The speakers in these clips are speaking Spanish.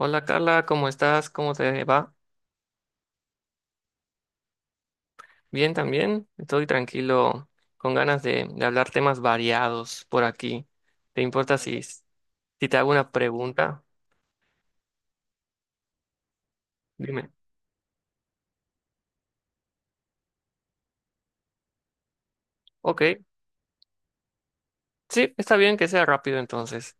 Hola Carla, ¿cómo estás? ¿Cómo te va? Bien también. Estoy tranquilo, con ganas de hablar temas variados por aquí. ¿Te importa si te hago una pregunta? Dime. Ok, sí, está bien que sea rápido entonces.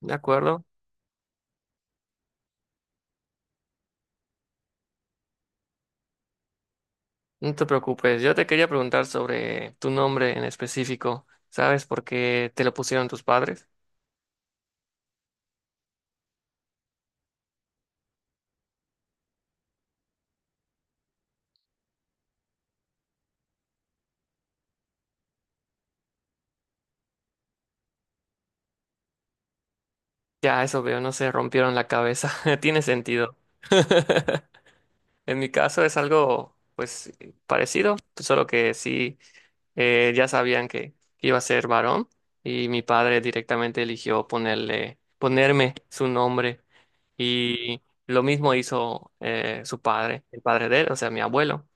De acuerdo, no te preocupes. Yo te quería preguntar sobre tu nombre en específico. ¿Sabes por qué te lo pusieron tus padres? Ya, eso veo, no se rompieron la cabeza. Tiene sentido. En mi caso es algo, pues, parecido, solo que sí. Ya sabían que iba a ser varón y mi padre directamente eligió ponerme su nombre y lo mismo hizo su padre, el padre de él, o sea, mi abuelo.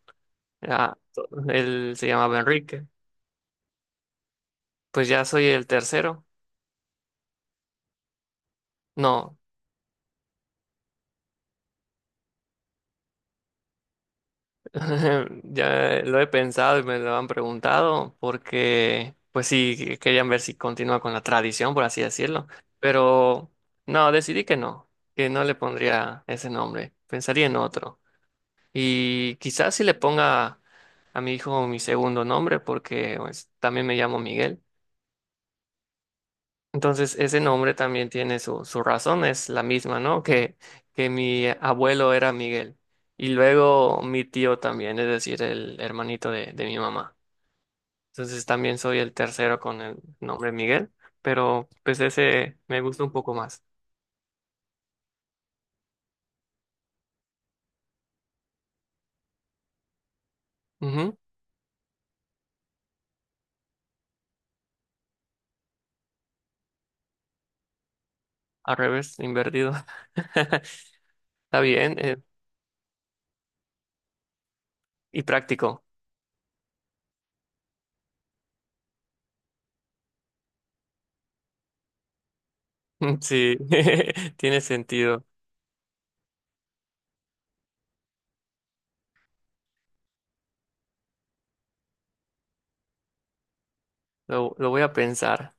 Ah, él se llamaba Enrique. Pues ya soy el tercero. No. Ya lo he pensado y me lo han preguntado porque, pues sí, querían ver si continúa con la tradición, por así decirlo. Pero no, decidí que no le pondría ese nombre. Pensaría en otro. Y quizás si le ponga a mi hijo mi segundo nombre porque pues, también me llamo Miguel. Entonces, ese nombre también tiene su razón, es la misma, ¿no? Que mi abuelo era Miguel y luego mi tío también, es decir, el hermanito de mi mamá. Entonces, también soy el tercero con el nombre Miguel, pero pues ese me gusta un poco más. Ujú. Al revés, invertido. Está bien, y práctico. Sí, tiene sentido. Lo voy a pensar.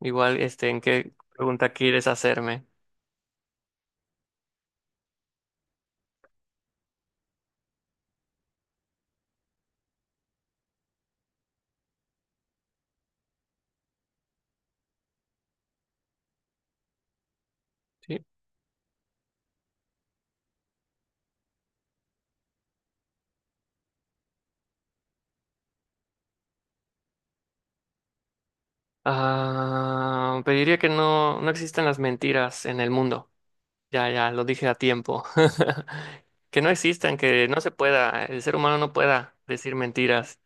Igual, este, ¿en qué pregunta quieres hacerme? Sí. Ah, te que no, no existan las mentiras en el mundo. Ya, ya, lo dije a tiempo. Que no existan, que no se pueda, el ser humano no pueda decir mentiras,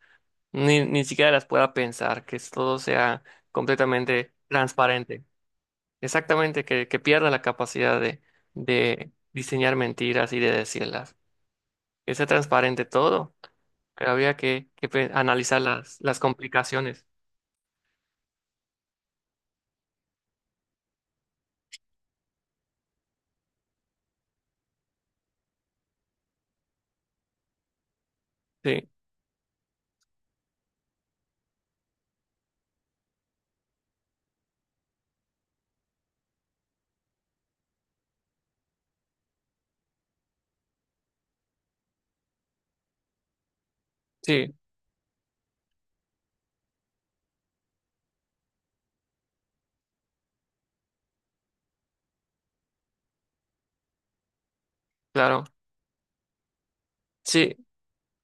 ni siquiera las pueda pensar, que todo sea completamente transparente. Exactamente, que pierda la capacidad de diseñar mentiras y de decirlas. Que sea transparente todo, pero había que analizar las complicaciones. Sí, sí, claro. Sí.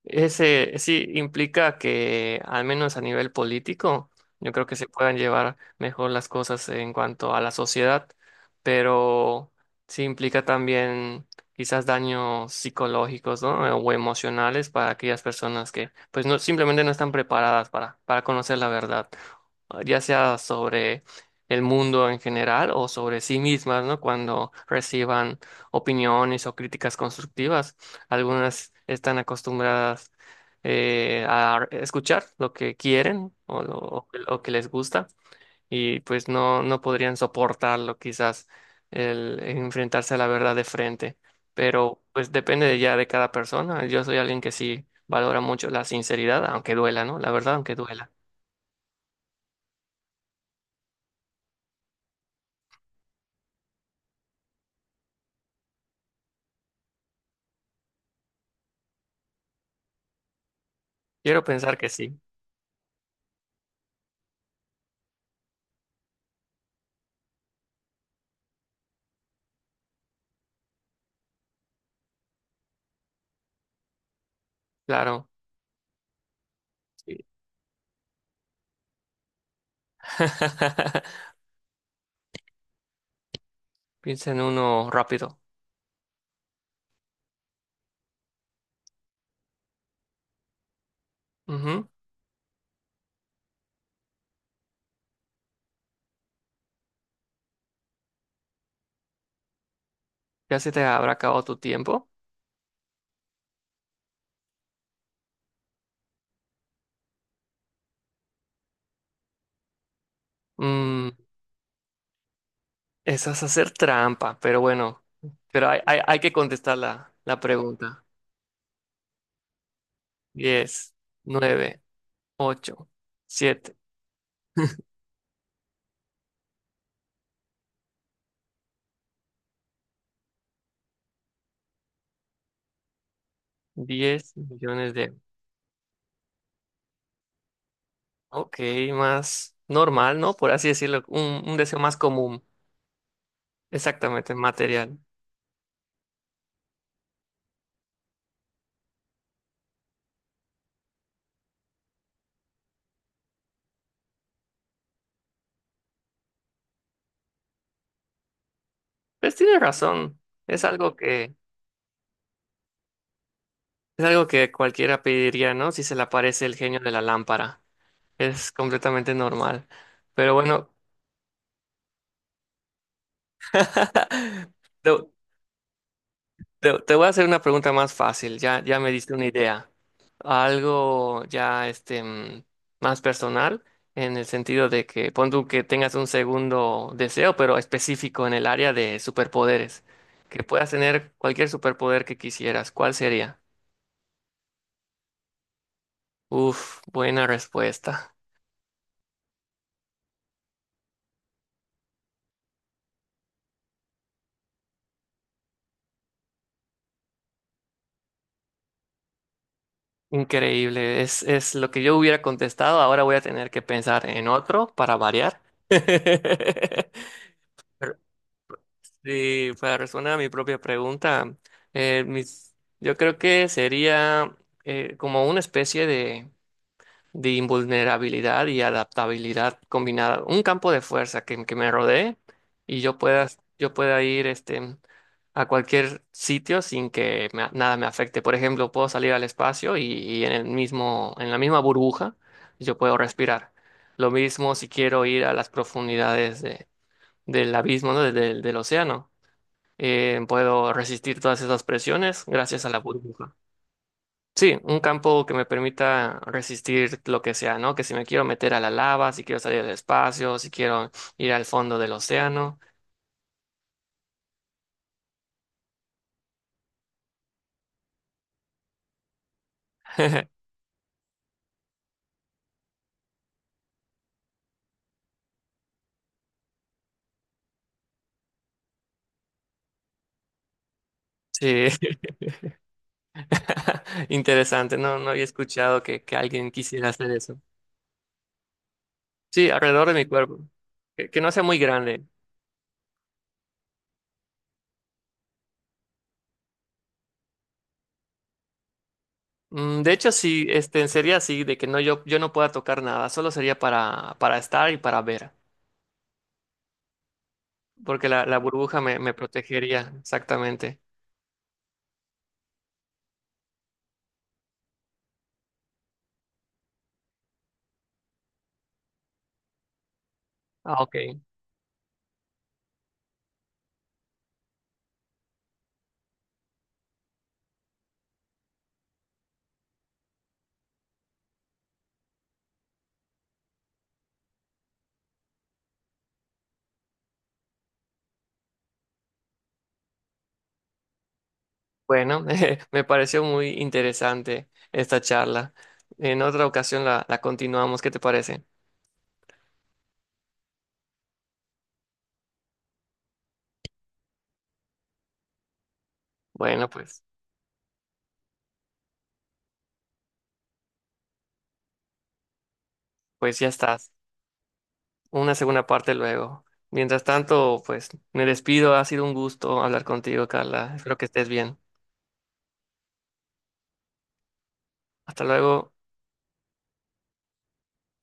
Ese sí implica que, al menos a nivel político, yo creo que se puedan llevar mejor las cosas en cuanto a la sociedad, pero sí implica también quizás daños psicológicos, ¿no? O emocionales para aquellas personas que, pues, no, simplemente no están preparadas para conocer la verdad, ya sea sobre el mundo en general o sobre sí mismas, ¿no? Cuando reciban opiniones o críticas constructivas algunas están acostumbradas a escuchar lo que quieren o que les gusta y pues no, no podrían soportarlo quizás el enfrentarse a la verdad de frente. Pero pues depende de ya de cada persona. Yo soy alguien que sí valora mucho la sinceridad, aunque duela, ¿no? La verdad, aunque duela. Quiero pensar que sí, claro. Sí. Piensa en uno rápido. Ujú. Ya se te habrá acabado tu tiempo. Mm, Esa es hacer trampa, pero bueno, pero hay que contestar la pregunta. Diez, nueve, ocho, siete, 10 millones de euros. Ok, más normal, ¿no? Por así decirlo, un deseo más común, exactamente, material. Pues tiene razón, es algo que, es algo que cualquiera pediría, ¿no? Si se le aparece el genio de la lámpara, es completamente normal. Pero bueno, te te voy a hacer una pregunta más fácil, ya, ya me diste una idea. Algo ya más personal, en el sentido de que pon tú que tengas un segundo deseo, pero específico en el área de superpoderes. Que puedas tener cualquier superpoder que quisieras. ¿Cuál sería? Uf, buena respuesta. Increíble. Es lo que yo hubiera contestado. Ahora voy a tener que pensar en otro para variar. Pero Y para responder a mi propia pregunta, eh, mis- yo creo que sería como una especie de invulnerabilidad y adaptabilidad combinada, un campo de fuerza que me rodee y yo pueda ir a cualquier sitio sin que nada me afecte. Por ejemplo, puedo salir al espacio y en en la misma burbuja yo puedo respirar. Lo mismo si quiero ir a las profundidades del abismo, ¿no? Del océano, puedo resistir todas esas presiones gracias a la burbuja. Sí, un campo que me permita resistir lo que sea, ¿no? Que si me quiero meter a la lava, si quiero salir del espacio, si quiero ir al fondo del océano. Sí, interesante, no, no había escuchado que alguien quisiera hacer eso. Sí, alrededor de mi cuerpo, que no sea muy grande. De hecho, sí, sería así, de que no, yo no pueda tocar nada, solo sería para estar y para ver. Porque la burbuja me protegería, exactamente. Ah, ok. Bueno, me pareció muy interesante esta charla. En otra ocasión la continuamos, ¿qué te parece? Bueno, pues ya estás. Una segunda parte luego. Mientras tanto, pues me despido. Ha sido un gusto hablar contigo, Carla. Espero que estés bien. Hasta luego.